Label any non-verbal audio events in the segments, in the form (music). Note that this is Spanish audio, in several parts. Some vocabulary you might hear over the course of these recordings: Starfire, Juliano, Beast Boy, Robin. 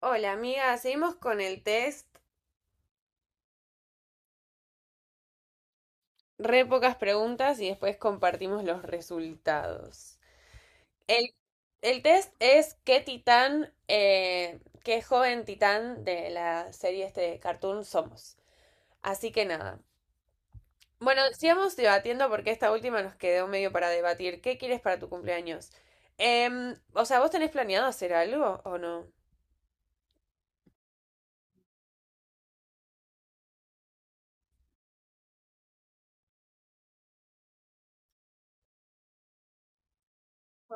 Hola amiga, seguimos con el test, re pocas preguntas y después compartimos los resultados. El, el test es qué titán, qué joven titán de la serie este de Cartoon somos. Así que nada. Bueno, sigamos debatiendo porque esta última nos quedó medio para debatir. ¿Qué quieres para tu cumpleaños? O sea, ¿vos tenés planeado hacer algo o no?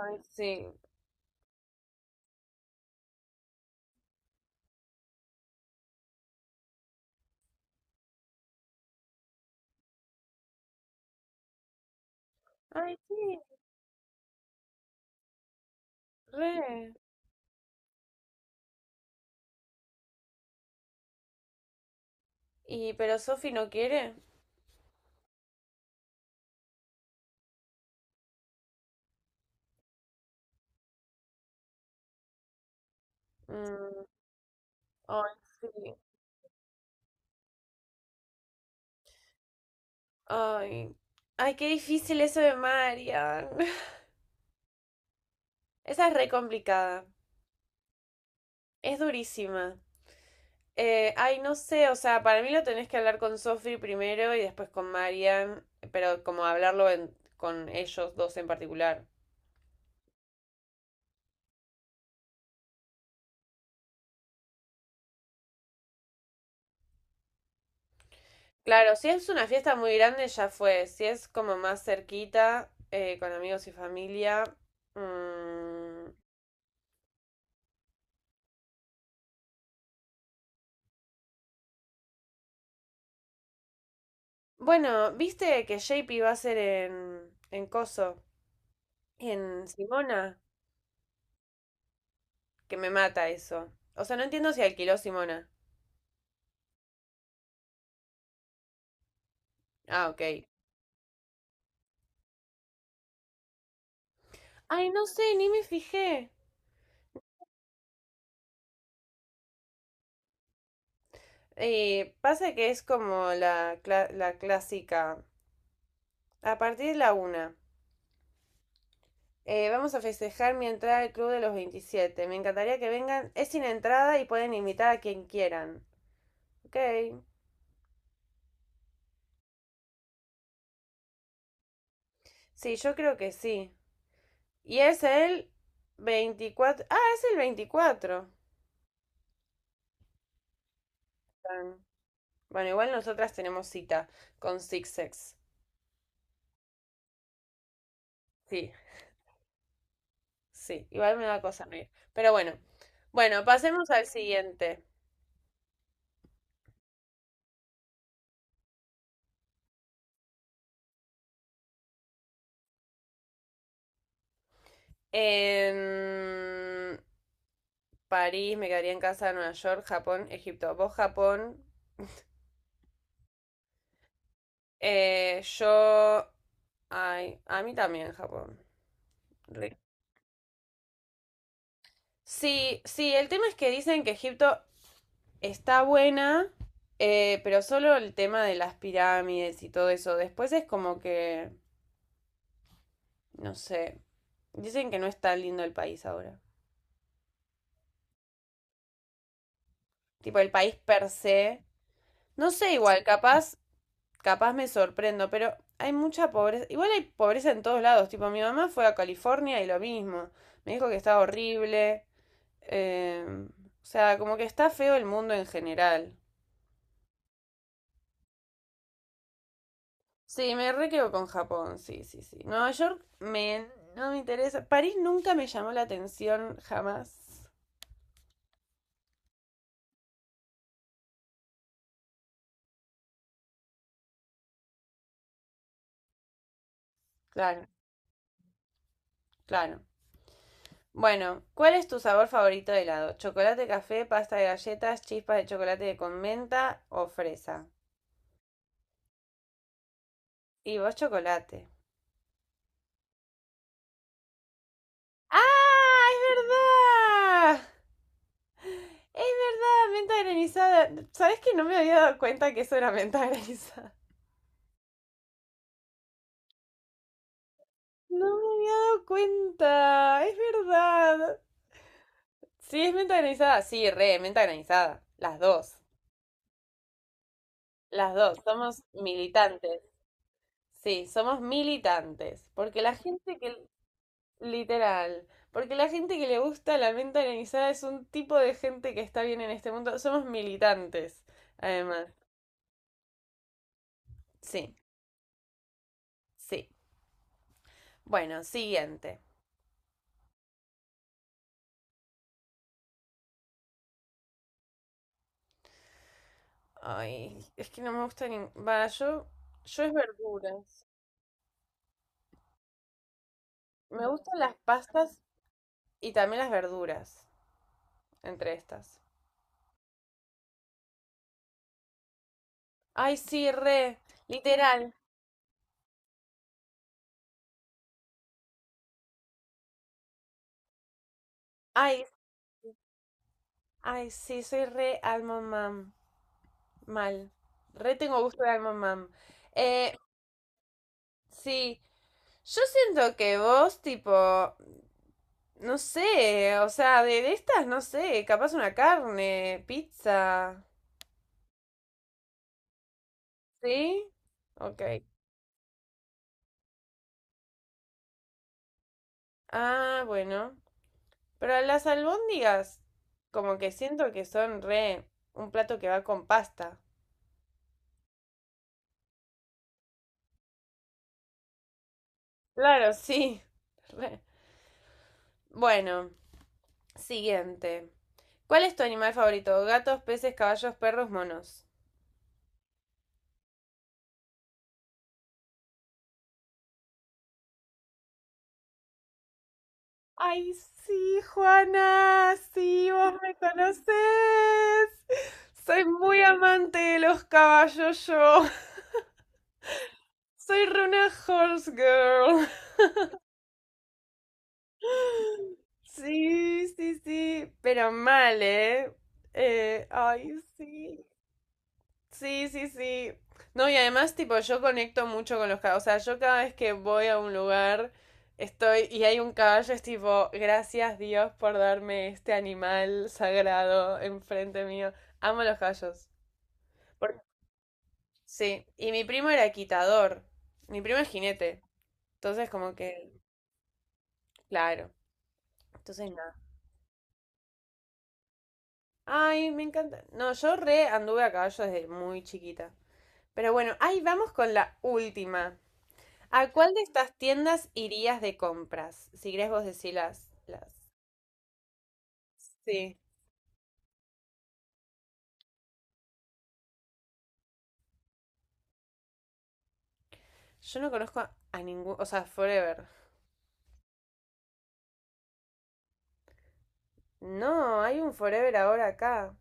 Ay, sí. Ay, sí, re. Y pero Sofi no quiere. Mm. Ay, sí. Ay. Ay, qué difícil eso de Marian. (laughs) Esa es re complicada. Es durísima. Ay, no sé, o sea, para mí lo tenés que hablar con Sophie primero y después con Marian, pero como hablarlo con ellos dos en particular. Claro, si es una fiesta muy grande, ya fue. Si es como más cerquita, con amigos y familia. Mm. Bueno, ¿viste que JP va a ser en Coso? En Simona. Que me mata eso. O sea, no entiendo si alquiló Simona. Ah, ok. Ay, no sé, ni me fijé. Pasa que es como la clásica. A partir de la una. Vamos a festejar mi entrada al club de los veintisiete. Me encantaría que vengan. Es sin entrada y pueden invitar a quien quieran. Ok. Sí, yo creo que sí. Y es el veinticuatro. Ah, es el 24. Bueno, igual nosotras tenemos cita con Six Sex. Sí. Sí, igual me da cosa reír. Pero bueno. Bueno, pasemos al siguiente. En París, me quedaría en casa, Nueva York, Japón, Egipto. Vos Japón. Yo. Ay, a mí también Japón. Re. Sí, sí, el tema es que dicen que Egipto está buena, pero solo el tema de las pirámides y todo eso. Después es como que, no sé, dicen que no es tan lindo el país ahora. Tipo, el país per se. No sé, igual, capaz me sorprendo, pero hay mucha pobreza. Igual hay pobreza en todos lados. Tipo, mi mamá fue a California y lo mismo. Me dijo que estaba horrible. eh, o sea, como que está feo el mundo en general. Sí, me re quedo con Japón, sí, sí, sí. No me interesa. París nunca me llamó la atención, jamás. Claro, claro. Bueno, ¿cuál es tu sabor favorito de helado? ¿Chocolate, café, pasta de galletas, chispas de chocolate con menta o fresa? Y vos chocolate. ¡Ah! ¡Es verdad! Es verdad, menta granizada. ¿Sabes que no me había dado cuenta que eso era menta (laughs) granizada? No me había dado cuenta. Es verdad. Sí, es menta granizada. Sí, re, menta granizada. Las dos. Las dos. Somos militantes. Sí, somos militantes. Porque la gente que… Literal. Porque la gente que le gusta la menta granizada es un tipo de gente que está bien en este mundo. Somos militantes, además. Sí. Sí. Bueno, siguiente. Ay, es que no me gusta ni… Va, yo es verduras. Me gustan las pastas y también las verduras, entre estas. Ay, sí, re. Literal. Ay, ay, sí, soy re alma mam. Mal. Re tengo gusto de alma mam. Eh, sí. Yo siento que vos, tipo, no sé, o sea, de estas, no sé, capaz una carne, pizza, ¿sí? Ok. Ah, bueno. Pero las albóndigas, como que siento que son re un plato que va con pasta. Claro, sí. (laughs) Re. Bueno, siguiente. ¿Cuál es tu animal favorito? Gatos, peces, caballos, perros, monos. Ay, sí, Juana, sí, vos me conocés. Soy muy amante de los caballos, yo. (laughs) Soy re una horse girl. Sí, sí, sí, pero mal, ¿eh? Ay, sí, sí, sí, sí. No, y además, tipo, yo conecto mucho con los caballos. O sea, yo cada vez que voy a un lugar, estoy y hay un caballo, es tipo, gracias Dios por darme este animal sagrado enfrente mío. Amo los caballos. Por- Sí, y mi primo era quitador. Mi primo es jinete. Entonces, como que, claro. Entonces, nada. Ay, me encanta. No, yo re anduve a caballo desde muy chiquita. Pero bueno, ahí vamos con la última. ¿A cuál de estas tiendas irías de compras? Si querés vos decir las. Sí. Yo no conozco a ningún, o sea, Forever. No, hay un Forever ahora acá.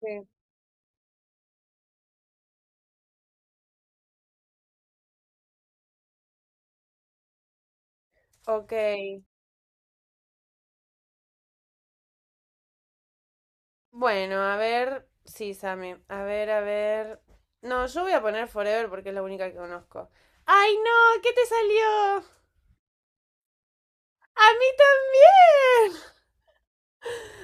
Sí. Ok. Bueno, a ver. Sí, Sammy. A ver, a ver. No, yo voy a poner Forever porque es la única que conozco. ¡Ay, no! ¿Qué te salió? ¡A mí también!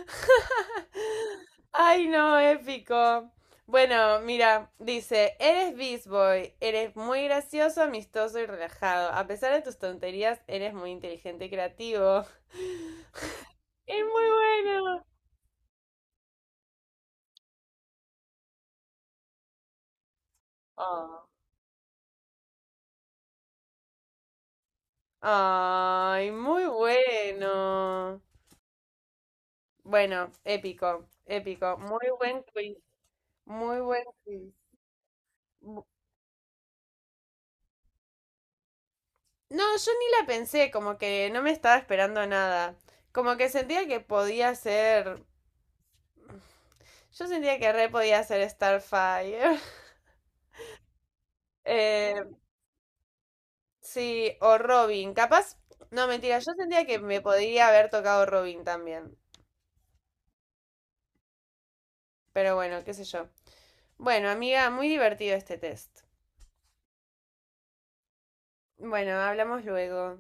(laughs) Ay, no, épico. Bueno, mira, dice, eres Beast Boy, eres muy gracioso, amistoso y relajado. A pesar de tus tonterías, eres muy inteligente y creativo. (laughs) Es muy bueno. Oh. Ay, muy bueno. Bueno, épico, épico. Muy buen quiz. Muy buen quiz. Bu- No, yo ni la pensé, como que no me estaba esperando nada. Como que sentía que podía ser. Yo sentía que re podía ser Starfire. (laughs) Eh, sí, o Robin. Capaz, no, mentira, yo sentía que me podría haber tocado Robin también. Pero bueno, qué sé yo. Bueno, amiga, muy divertido este test. Bueno, hablamos luego.